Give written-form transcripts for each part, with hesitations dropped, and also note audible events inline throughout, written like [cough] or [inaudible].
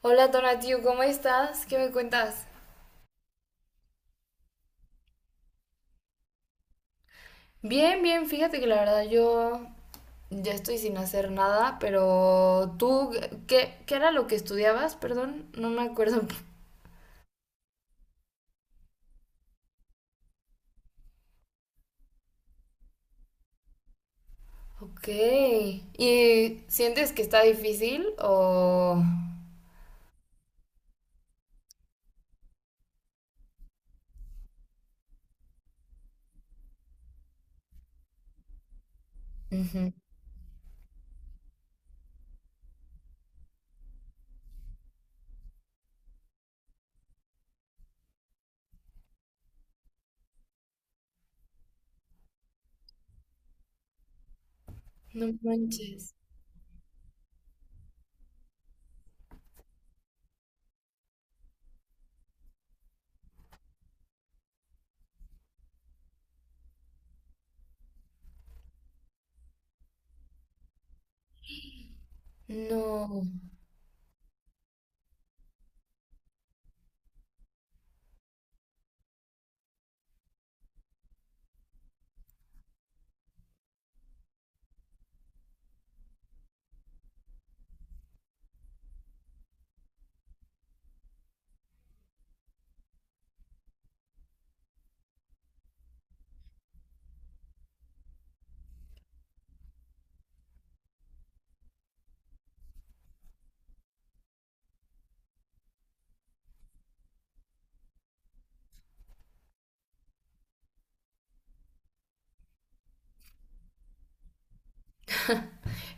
Hola Donatiu, ¿cómo estás? ¿Qué me cuentas? Bien, bien, fíjate que la verdad yo ya estoy sin hacer nada, pero tú, ¿qué era lo que estudiabas? Perdón, no me acuerdo. [laughs] Ok. ¿Y sientes que está difícil o...? Ujú. No manches. No.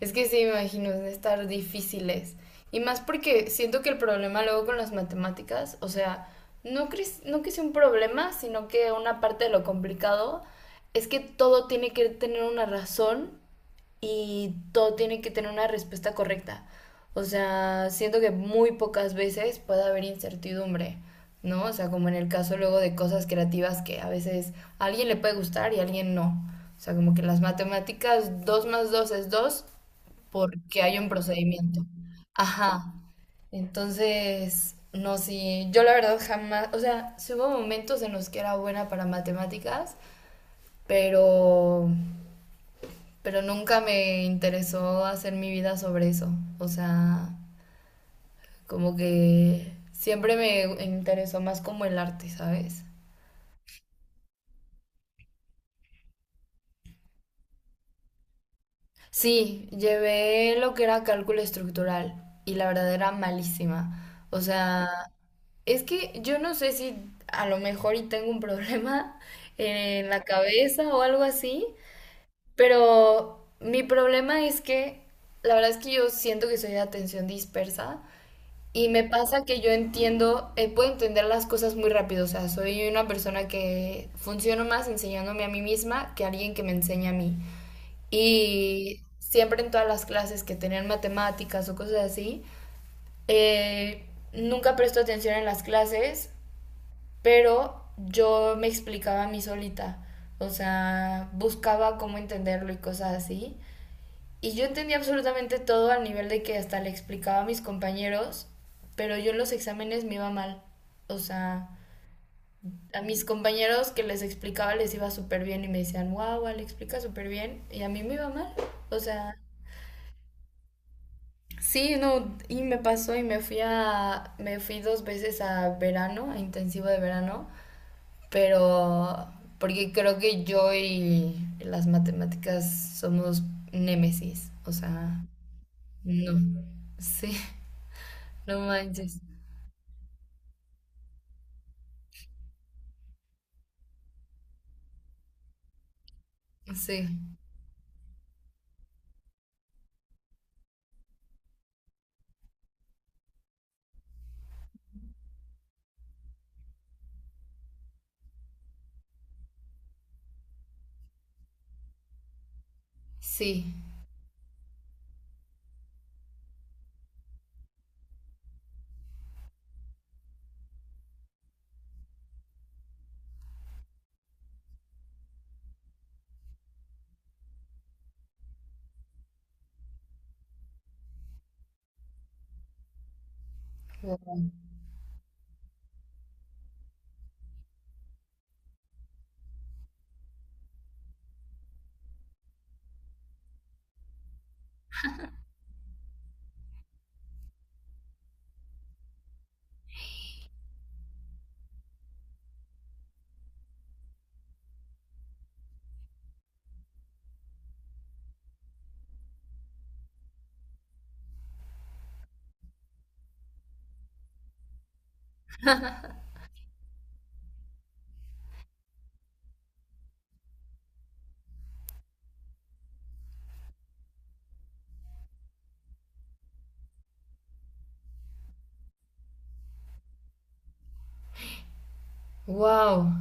Es que sí, me imagino, de estar difíciles. Y más porque siento que el problema luego con las matemáticas, o sea, no, no que sea un problema, sino que una parte de lo complicado es que todo tiene que tener una razón y todo tiene que tener una respuesta correcta. O sea, siento que muy pocas veces puede haber incertidumbre, ¿no? O sea, como en el caso luego de cosas creativas que a veces a alguien le puede gustar y a alguien no. O sea, como que las matemáticas 2 más 2 es 2 porque hay un procedimiento. Ajá. Entonces, no, sí, yo la verdad jamás, o sea, sí hubo momentos en los que era buena para matemáticas, pero, pero nunca me interesó hacer mi vida sobre eso. O sea, como que siempre me interesó más como el arte, ¿sabes? Sí, llevé lo que era cálculo estructural y la verdad era malísima. O sea, es que yo no sé si a lo mejor y tengo un problema [laughs] en la cabeza o algo así, pero mi problema es que la verdad es que yo siento que soy de atención dispersa y me pasa que yo entiendo, puedo entender las cosas muy rápido, o sea, soy una persona que funciono más enseñándome a mí misma que alguien que me enseña a mí. Y siempre en todas las clases que tenían matemáticas o cosas así, eh, nunca presto atención en las clases, pero yo me explicaba a mí solita, o sea, buscaba cómo entenderlo y cosas así. Y yo entendía absolutamente todo al nivel de que hasta le explicaba a mis compañeros, pero yo en los exámenes me iba mal. O sea, a mis compañeros que les explicaba les iba súper bien y me decían, wow, le explica súper bien. Y a mí me iba mal. O sea, sí, no, y me pasó y me fui me fui dos veces a verano, a intensivo de verano, pero porque creo que yo y las matemáticas somos némesis, o sea, no, sí, [laughs] no manches, sí, sí, wow, wow,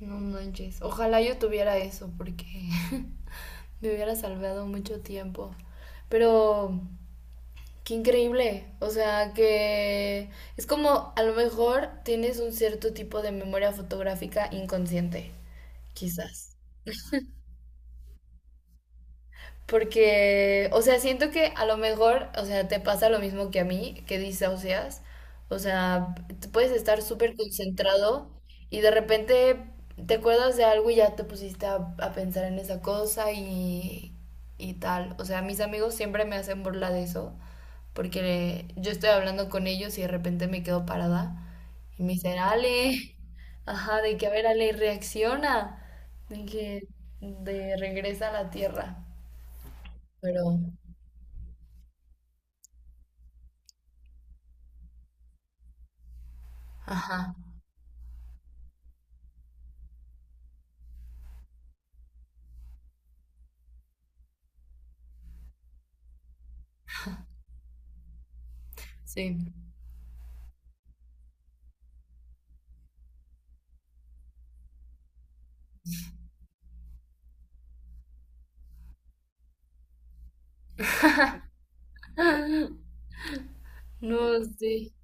no manches, ojalá yo tuviera eso porque [laughs] me hubiera salvado mucho tiempo, pero qué increíble, o sea, que es como a lo mejor tienes un cierto tipo de memoria fotográfica inconsciente, quizás. Porque, o sea, siento que a lo mejor, o sea, te pasa lo mismo que a mí, que disocias. O sea, te puedes estar súper concentrado y de repente te acuerdas de algo y ya te pusiste a pensar en esa cosa y tal. O sea, mis amigos siempre me hacen burla de eso, porque yo estoy hablando con ellos y de repente me quedo parada y me dicen, Ale, [laughs] ajá, de que a ver, Ale, reacciona, de que de regresa a la tierra. Pero, ajá, sí. [laughs] No, sí.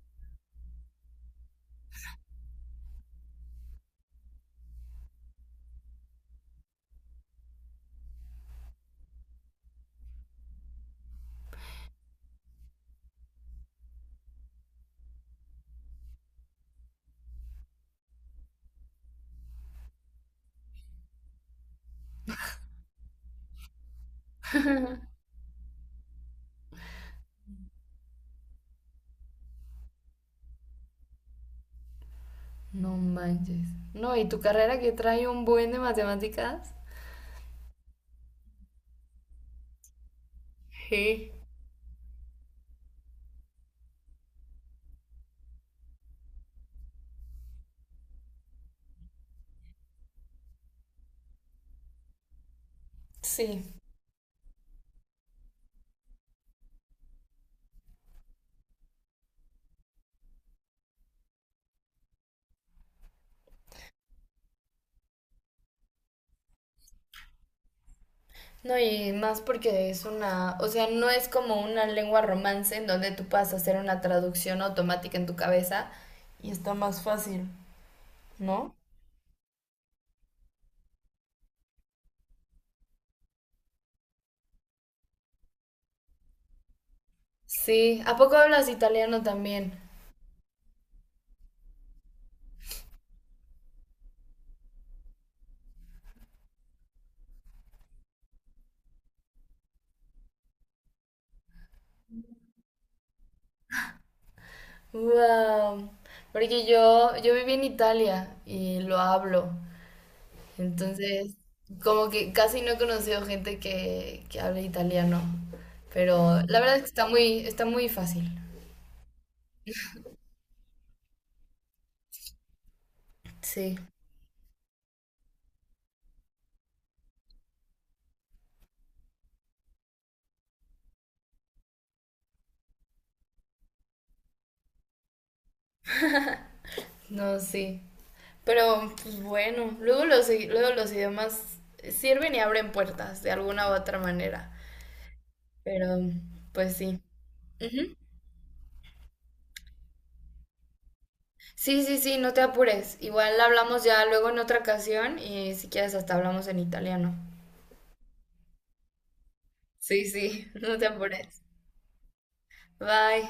No manches. No, y tu carrera que trae un buen de matemáticas. Sí. Sí. No, y más porque es una, o sea, no es como una lengua romance en donde tú puedas hacer una traducción automática en tu cabeza y está más fácil, ¿no? Sí, ¿a poco hablas italiano también? Wow. Porque yo viví en Italia y lo hablo. Entonces, como que casi no he conocido gente que hable italiano, pero la verdad es que está muy fácil. Sí, no, sí. Pero, pues bueno, luego luego los idiomas sirven y abren puertas de alguna u otra manera. Pero, pues sí. Ujú. Sí, sí, sí, no te apures. Igual hablamos ya luego en otra ocasión y si quieres hasta hablamos en italiano. Sí, sí, [laughs] no te apures. Bye.